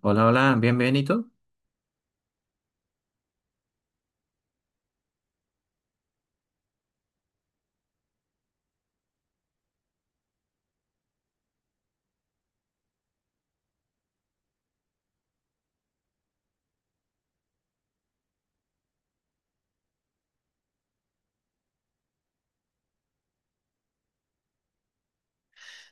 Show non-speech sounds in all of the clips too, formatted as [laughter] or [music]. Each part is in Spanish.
Hola, hola, bienvenido.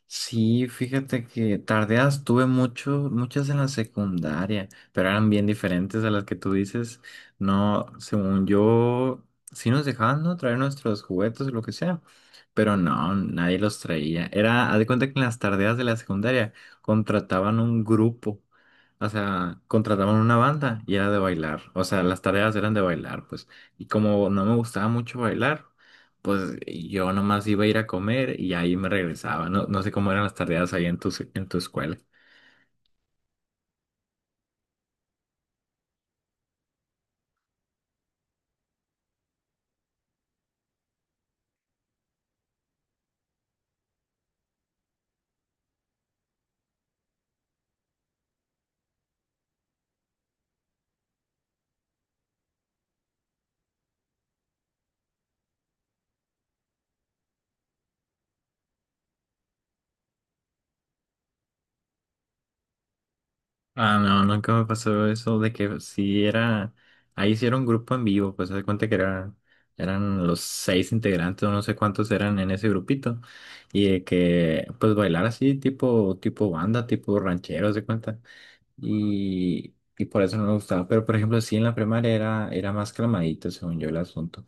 Sí, fíjate que tardeas tuve mucho, muchas en la secundaria, pero eran bien diferentes a las que tú dices. No, según yo, sí nos dejaban, ¿no? Traer nuestros juguetes o lo que sea, pero no, nadie los traía. Era, haz de cuenta que en las tardeas de la secundaria contrataban un grupo, o sea, contrataban una banda y era de bailar. O sea, las tareas eran de bailar, pues. Y como no me gustaba mucho bailar, pues yo nomás iba a ir a comer y ahí me regresaba. No, no sé cómo eran las tareas ahí en en tu escuela. Ah, no, nunca me pasó eso de que si era, ahí sí era un grupo en vivo, pues se da cuenta que era, eran los seis integrantes, o no sé cuántos eran en ese grupito, y de que pues bailar así tipo banda, tipo ranchero, se cuenta. Y por eso no me gustaba. Pero por ejemplo, sí en la primaria era más calmadito, según yo, el asunto.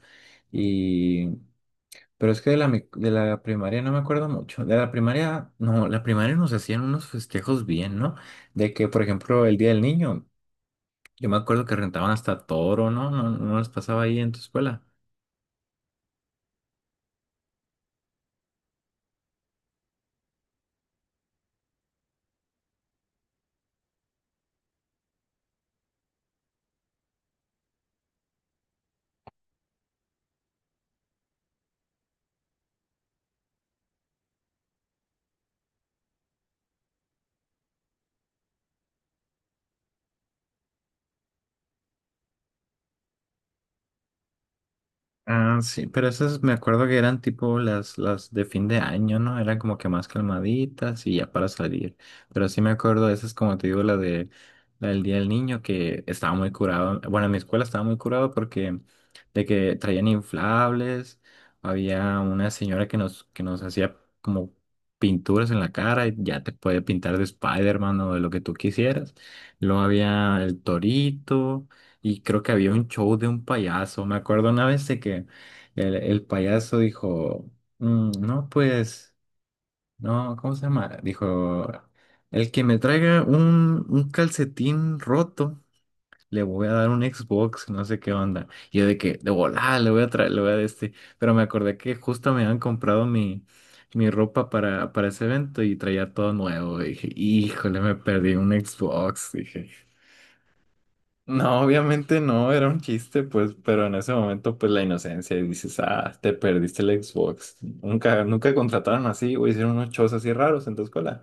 Pero es que de la primaria no me acuerdo mucho. De la primaria, no, la primaria nos hacían unos festejos bien, ¿no? De que, por ejemplo, el Día del Niño, yo me acuerdo que rentaban hasta toro, ¿no? No, no les pasaba ahí en tu escuela. Ah, sí, pero esas me acuerdo que eran tipo las de fin de año, ¿no? Eran como que más calmaditas y ya para salir. Pero sí me acuerdo, de esas como te digo, la del Día del Niño, que estaba muy curado. Bueno, en mi escuela estaba muy curado porque de que traían inflables, había una señora que nos hacía como pinturas en la cara y ya te puede pintar de Spider-Man o de lo que tú quisieras. Luego había el torito. Y creo que había un show de un payaso. Me acuerdo una vez de que el payaso dijo, No, pues, no, ¿cómo se llama?". Dijo, "El que me traiga un calcetín roto, le voy a dar un Xbox", no sé qué onda. Y yo de que, de volada, le voy a traer, le voy a dar este. Pero me acordé que justo me habían comprado mi ropa para ese evento y traía todo nuevo. Y dije, híjole, me perdí un Xbox, dije. No, obviamente no, era un chiste, pues, pero en ese momento, pues, la inocencia y dices, ah, te perdiste el Xbox. Nunca, nunca contrataron así o hicieron unos shows así raros en tu escuela.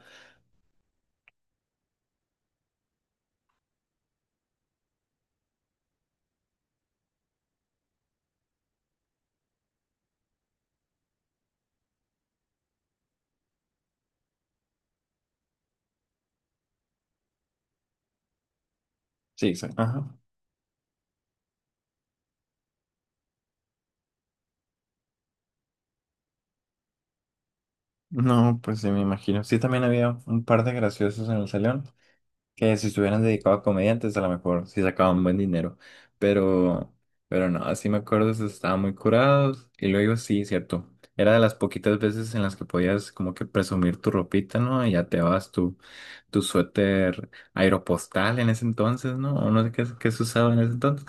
Sí, sí. Ajá. No, pues sí, me imagino. Sí, también había un par de graciosos en el salón. Que si estuvieran dedicados a comediantes, a lo mejor sí sacaban buen dinero. Pero, pero no, así me acuerdo, se estaban muy curados. Y luego sí, cierto. Era de las poquitas veces en las que podías como que presumir tu ropita, ¿no? Y ya te vas tu suéter aeropostal en ese entonces, ¿no? O no sé qué se usaba en ese entonces.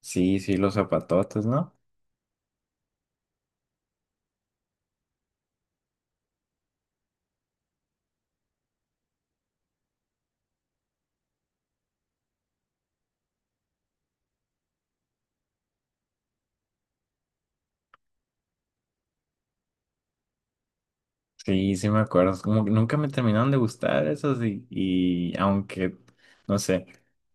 Sí, sí, los zapatotes, ¿no? Sí, sí me acuerdo. Es como que nunca me terminaron de gustar esos y aunque, no sé,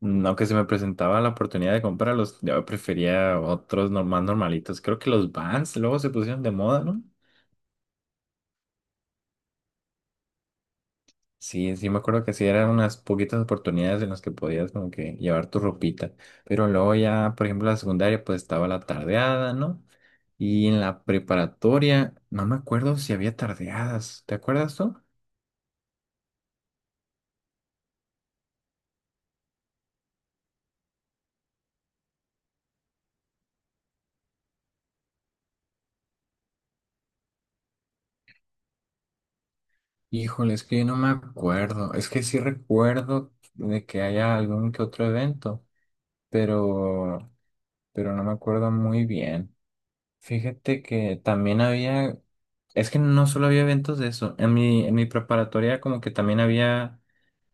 aunque se me presentaba la oportunidad de comprarlos, yo prefería otros normal normalitos. Creo que los Vans luego se pusieron de moda, ¿no? Sí, sí me acuerdo que sí eran unas poquitas oportunidades en las que podías como que llevar tu ropita. Pero luego ya, por ejemplo, la secundaria pues estaba la tardeada, ¿no? Y en la preparatoria, no me acuerdo si había tardeadas. ¿Te acuerdas tú? Híjole, es que yo no me acuerdo. Es que sí recuerdo de que haya algún que otro evento, pero, pero no me acuerdo muy bien. Fíjate que también había, es que no solo había eventos de eso. En en mi preparatoria como que también había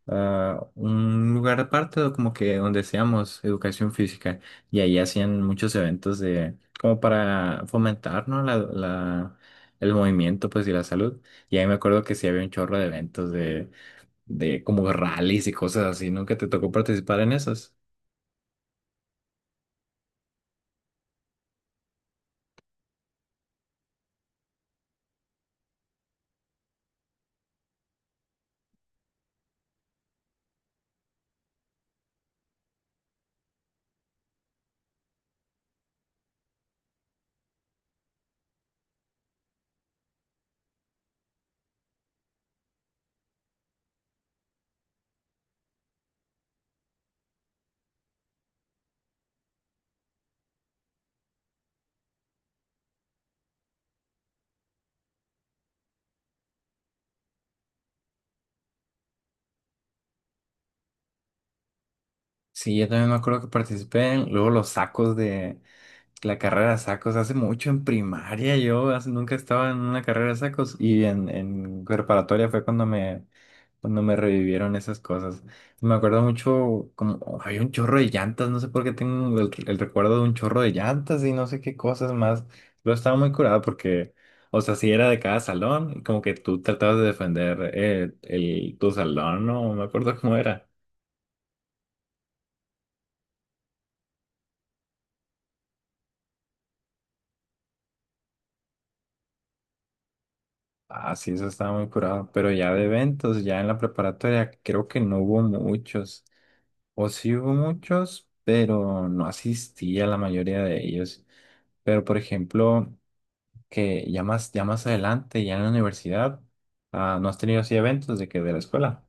ah, un lugar aparte, o como que donde hacíamos educación física y ahí hacían muchos eventos de, como para fomentar, ¿no? El movimiento, pues, y la salud. Y ahí me acuerdo que sí había un chorro de eventos de como rallies y cosas así, ¿no? Que te tocó participar en esas. Sí, yo también me acuerdo que participé en luego los sacos de, la carrera de sacos, hace mucho en primaria yo hace- nunca estaba en una carrera de sacos y en preparatoria fue cuando cuando me revivieron esas cosas. Me acuerdo mucho como oh, había un chorro de llantas, no sé por qué tengo el recuerdo de un chorro de llantas y no sé qué cosas más. Pero estaba muy curado porque, o sea, si era de cada salón, y como que tú tratabas de defender tu salón, no, no me acuerdo cómo era. Ah, sí, eso estaba muy curado. Pero ya de eventos, ya en la preparatoria, creo que no hubo muchos. O sí hubo muchos, pero no asistí a la mayoría de ellos. Pero, por ejemplo, que ya más adelante, ya en la universidad, ah, ¿no has tenido así eventos de que de la escuela?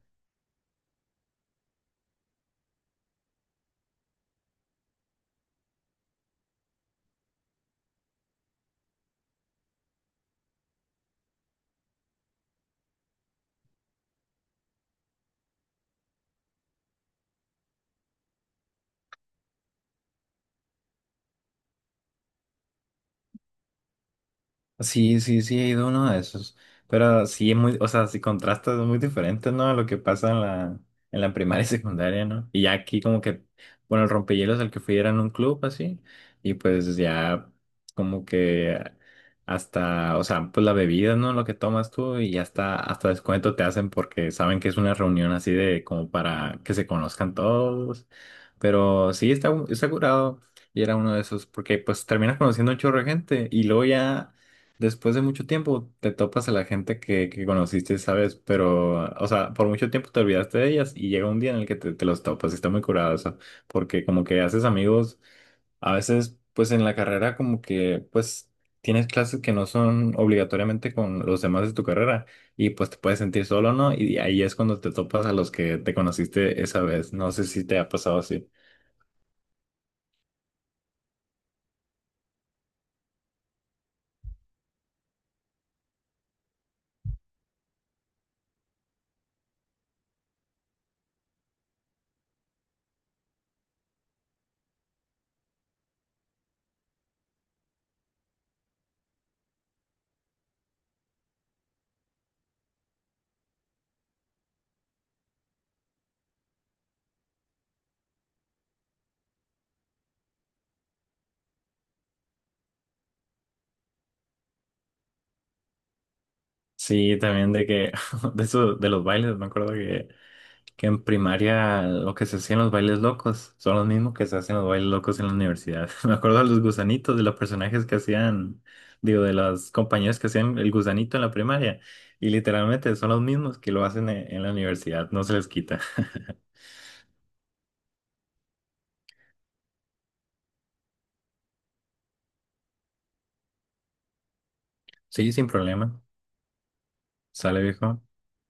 Sí, sí, sí, he ido a uno de esos. Pero sí es muy, o sea, si contrastas es muy diferente, ¿no? A lo que pasa en en la primaria y [laughs] secundaria, ¿no? Y ya aquí como que, bueno, el rompehielos al que fui era en un club así, y pues ya como que hasta, o sea, pues la bebida, ¿no? Lo que tomas tú y hasta, hasta descuento te hacen porque saben que es una reunión así de como para que se conozcan todos. Pero sí está, está curado. Y era uno de esos, porque pues terminas conociendo un chorro de gente y luego ya después de mucho tiempo te topas a la gente que conociste, ¿sabes? Pero, o sea, por mucho tiempo te olvidaste de ellas y llega un día en el que te los topas y está muy curado eso, porque como que haces amigos, a veces pues en la carrera como que pues tienes clases que no son obligatoriamente con los demás de tu carrera y pues te puedes sentir solo, ¿no? Y ahí es cuando te topas a los que te conociste esa vez, no sé si te ha pasado así. Sí, también de que, [laughs] de eso, de los bailes, me acuerdo que en primaria lo que se hacía en los bailes locos son los mismos que se hacen los bailes locos en la universidad. [laughs] Me acuerdo de los gusanitos, de los personajes que hacían, digo, de los compañeros que hacían el gusanito en la primaria. Y literalmente son los mismos que lo hacen en la universidad, no se les quita. [laughs] Sí, sin problema. Sale, viejo.